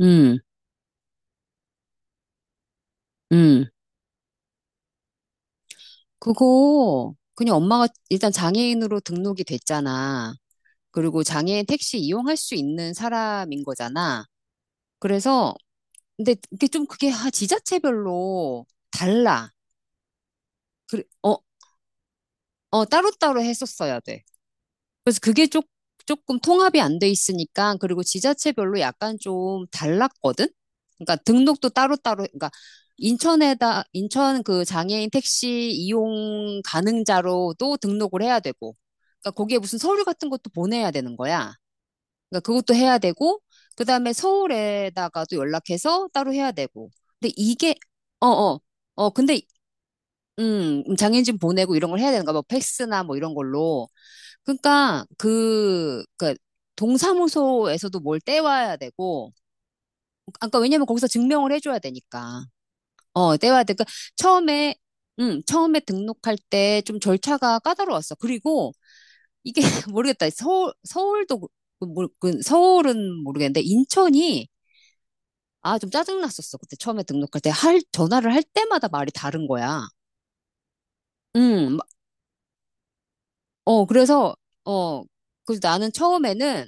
음, 음. 그거, 그냥 엄마가 일단 장애인으로 등록이 됐잖아. 그리고 장애인 택시 이용할 수 있는 사람인 거잖아. 그래서, 근데 이게 좀 그게 지자체별로 달라. 그, 어, 따로따로 했었어야 돼. 그래서 조금 통합이 안 돼 있으니까, 그리고 지자체별로 약간 좀 달랐거든? 그러니까 등록도 따로따로, 그러니까 인천 그 장애인 택시 이용 가능자로도 등록을 해야 되고, 그러니까 거기에 무슨 서류 같은 것도 보내야 되는 거야. 그러니까 그것도 해야 되고, 그 다음에 서울에다가도 연락해서 따로 해야 되고. 근데 이게, 어, 어, 어, 근데, 장애인 증 보내고 이런 걸 해야 되는가, 뭐 팩스나 뭐 이런 걸로. 그러니까 동사무소에서도 뭘 떼와야 되고, 아까 왜냐면 거기서 증명을 해줘야 되니까. 어, 떼와야 돼. 그러니까 처음에, 처음에 등록할 때 좀 절차가 까다로웠어. 그리고 이게 모르겠다. 서울도 그 서울은 모르겠는데 인천이 아, 좀 짜증났었어. 그때 처음에 등록할 때 전화를 할 때마다 말이 다른 거야. 음, 어, 그래서, 어, 그래서 나는 처음에는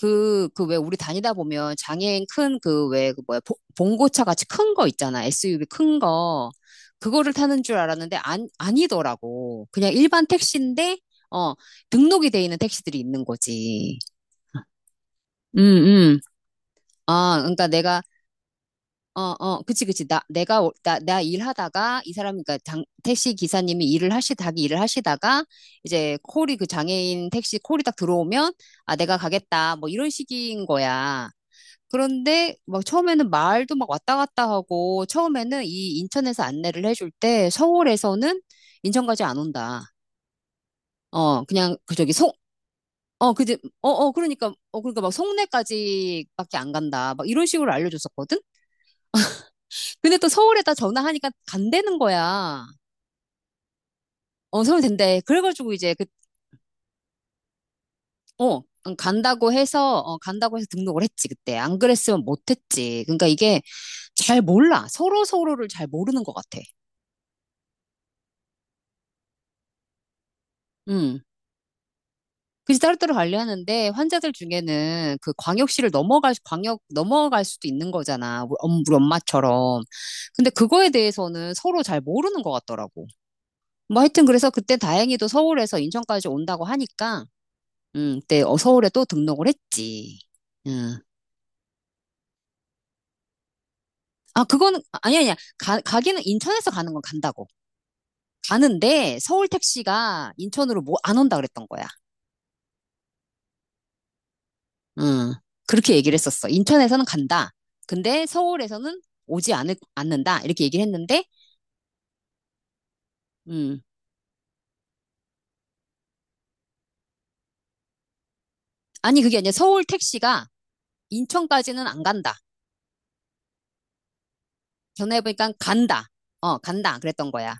그 왜 우리 다니다 보면 장애인 큰 그 왜, 그 뭐야, 보- 봉고차 같이 큰 거 있잖아. SUV 큰 거. 그거를 타는 줄 알았는데 안, 아니더라고. 그냥 일반 택시인데, 어, 등록이 돼 있는 택시들이 있는 거지. 음, 음. 아, 그러니까 내가 그치, 그치. 나, 내가, 올- 나, 나 일하다가, 이 사람, 그니까, 장, 택시 기사님이 자기 일을 하시다가, 이제 콜이 그 장애인 택시 콜이 딱 들어오면, 아, 내가 가겠다. 뭐 이런 식인 거야. 그런데, 막 처음에는 말도 막 왔다 갔다 하고, 처음에는 이 인천에서 안내를 해줄 때, 서울에서는 인천까지 안 온다. 어, 그냥, 그 저기, 송, 어, 그지, 어, 어, 그러니까, 어, 그러니까 막 송내까지밖에 안 간다. 막 이런 식으로 알려줬었거든. 근데 또 서울에다 전화하니까 간다는 거야. 어, 서울 된대. 그래가지고 이제 그, 어, 응, 간다고 해서 등록을 했지, 그때. 안 그랬으면 못했지. 그러니까 이게 잘 몰라. 서로 서로를 잘 모르는 것 같아. 음. 그래서 따로따로 관리하는데 환자들 중에는 그 광역시를 광역 넘어갈 수도 있는 거잖아. 우리 엄마처럼. 근데 그거에 대해서는 서로 잘 모르는 것 같더라고. 뭐 하여튼 그래서 그때 다행히도 서울에서 인천까지 온다고 하니까 그때 어, 서울에 또 등록을 했지. 음. 아, 그거는, 아니, 아니야. 아니야. 가기는 인천에서 가는 건 간다고. 가는데 서울 택시가 인천으로 뭐 안 온다 그랬던 거야. 음. 그렇게 얘기를 했었어. 인천에서는 간다. 근데 서울에서는 않는다. 이렇게 얘기를 했는데, 음. 아니, 그게 아니라 서울 택시가 인천까지는 안 간다. 전화해보니까 간다. 어, 간다. 그랬던 거야.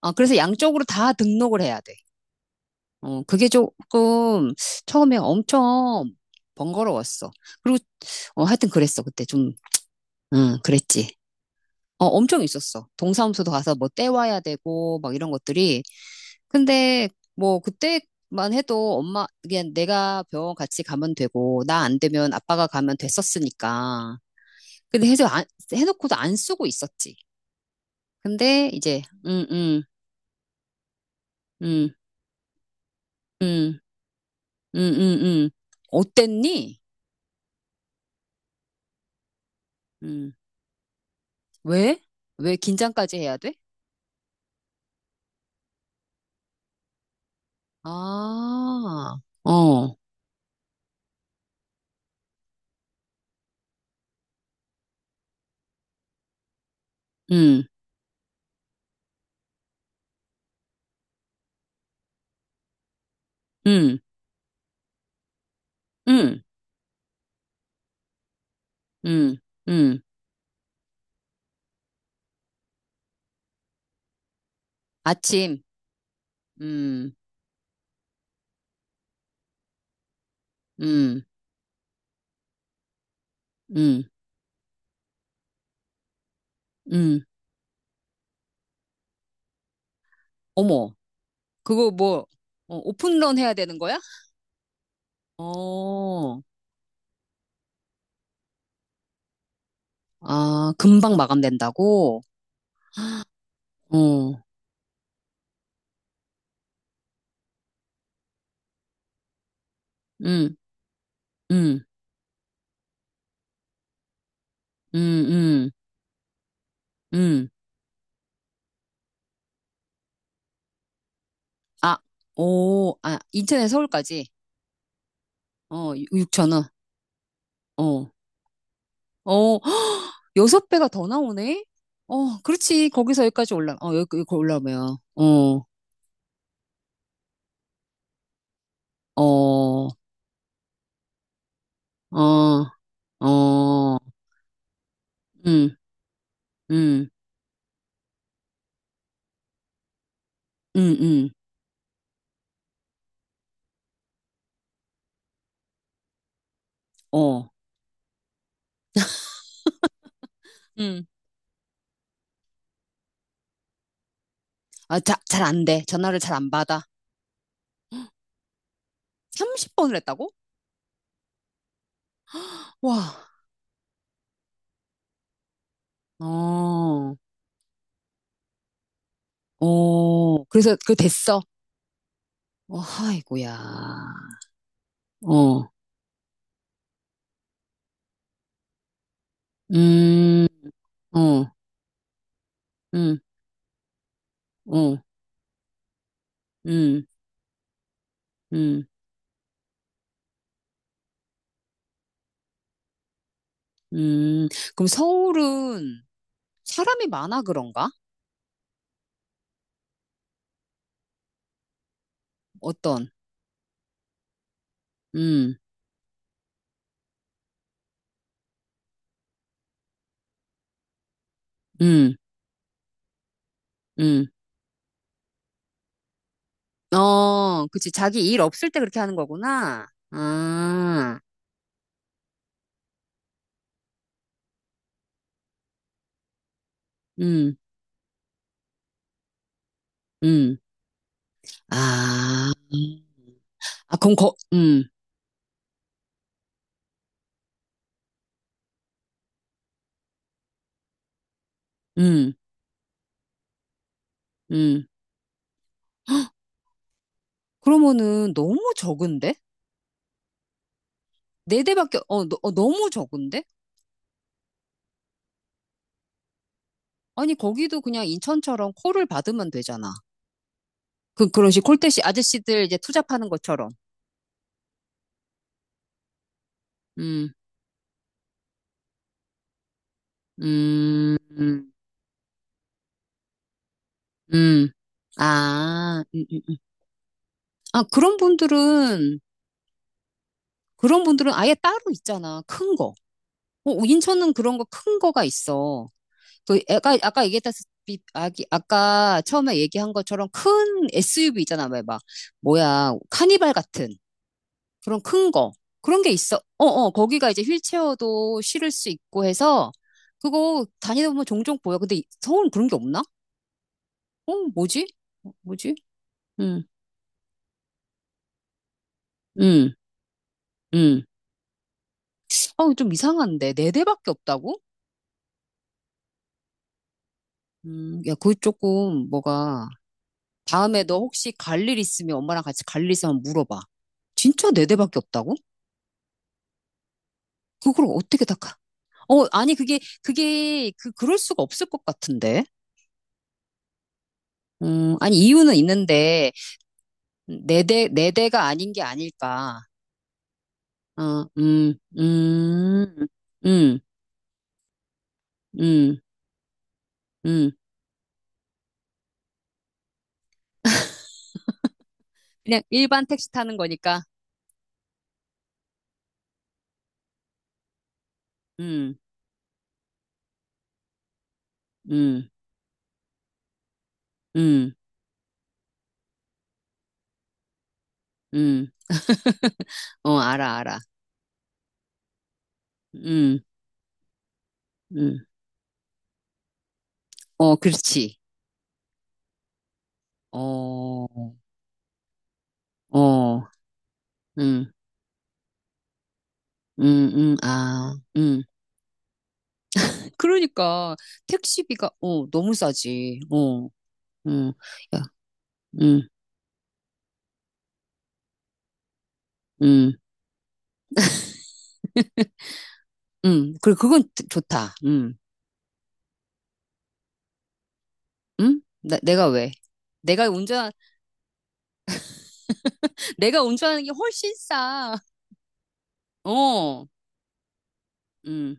어, 그래서 양쪽으로 다 등록을 해야 돼. 어, 그게 조금 처음에 엄청 번거로웠어. 그리고 어, 하여튼 그랬어. 그때 좀, 응, 그랬지. 어, 엄청 있었어. 동사무소도 가서 뭐 떼와야 되고 막 이런 것들이. 근데 뭐 그때만 해도 엄마, 그냥 내가 병원 같이 가면 되고 나 안 되면 아빠가 가면 됐었으니까. 근데 해서 안, 해놓고도 안 쓰고 있었지. 근데 이제, 응, 응, 응, 응, 응, 응, 응. 어땠니? 음. 왜? 왜 긴장까지 해야 돼? 아, 어, 음, 음, 음, 음, 음. 아침, 음, 음, 음, 음. 어머, 그거 뭐, 어, 오픈런 해야 되는 거야? 어, 아, 금방 마감된다고? 어, 음, 음, 음, 음, 음. 아, 오, 아, 인천에서 서울까지? 어, 육천원어 어, 여섯 배가 더 나오네? 어, 그렇지. 거기서 여기까지 올라, 어, 여기, 여기 올라오면, 어, 어, 어, 어, 음, 음, 음, 음, 어, 음. 아, 잘 안 돼. 전화를 잘 안 받아. 30번을 했다고? 와, 어, 어, 그래서 그 됐어. 어, 아이고야. 어, 음, 어, 음, 어, 음, 음, 음. 그럼 서울은, 사람이 많아 그런가? 어떤? 음, 음, 음. 어, 그치. 자기 일 없을 때 그렇게 하는 거구나. 아, 음, 음. 아, 아, 그럼 거, 음, 음, 음. 그러면은 너무 적은데? 네 대밖에, 어, 너, 무 적은데? 아니, 거기도 그냥 인천처럼 콜을 받으면 되잖아. 그런 식 콜대시 아저씨들 이제 투잡하는 것처럼. 음, 음, 음, 음. 아, 아, 그런 분들은 아예 따로 있잖아. 큰 거. 어, 인천은 그런 거 큰 거가 있어. 그 애가, 아까 얘기했다시피, 아기, 아까 처음에 얘기한 것처럼 큰 SUV 있잖아. 왜 막, 뭐야, 카니발 같은 그런 큰 거. 그런 게 있어. 어, 어, 거기가 이제 휠체어도 실을 수 있고 해서 그거 다니다 보면 종종 보여. 근데 이- 서울은 그런 게 없나? 어, 뭐지? 어, 뭐지? 응, 응, 응. 어, 좀 이상한데. 네 대밖에 없다고? 야, 그 조금 뭐가 다음에 너 혹시 갈 일 있으면 엄마랑 같이 갈 일 있으면 물어봐. 진짜 네 대밖에 없다고? 그걸 어떻게 다 가? 어, 아니 그게 그게 그 그럴 수가 없을 것 같은데. 아니 이유는 있는데 네 대가 아닌 게 아닐까. 어, 음, 음, 음. 그냥 일반 택시 타는 거니까. 음, 음, 음, 음. 어, 알아, 알아. 음, 음. 어, 그렇지. 어, 어, 음, 아, 그러니까 택시비가 어 너무 싸지. 어, 음, 야, 음, 음, 그래 그건 좋다. 내가 왜? 내가 운전 내가 운전하는 게 훨씬 싸. 어, 음.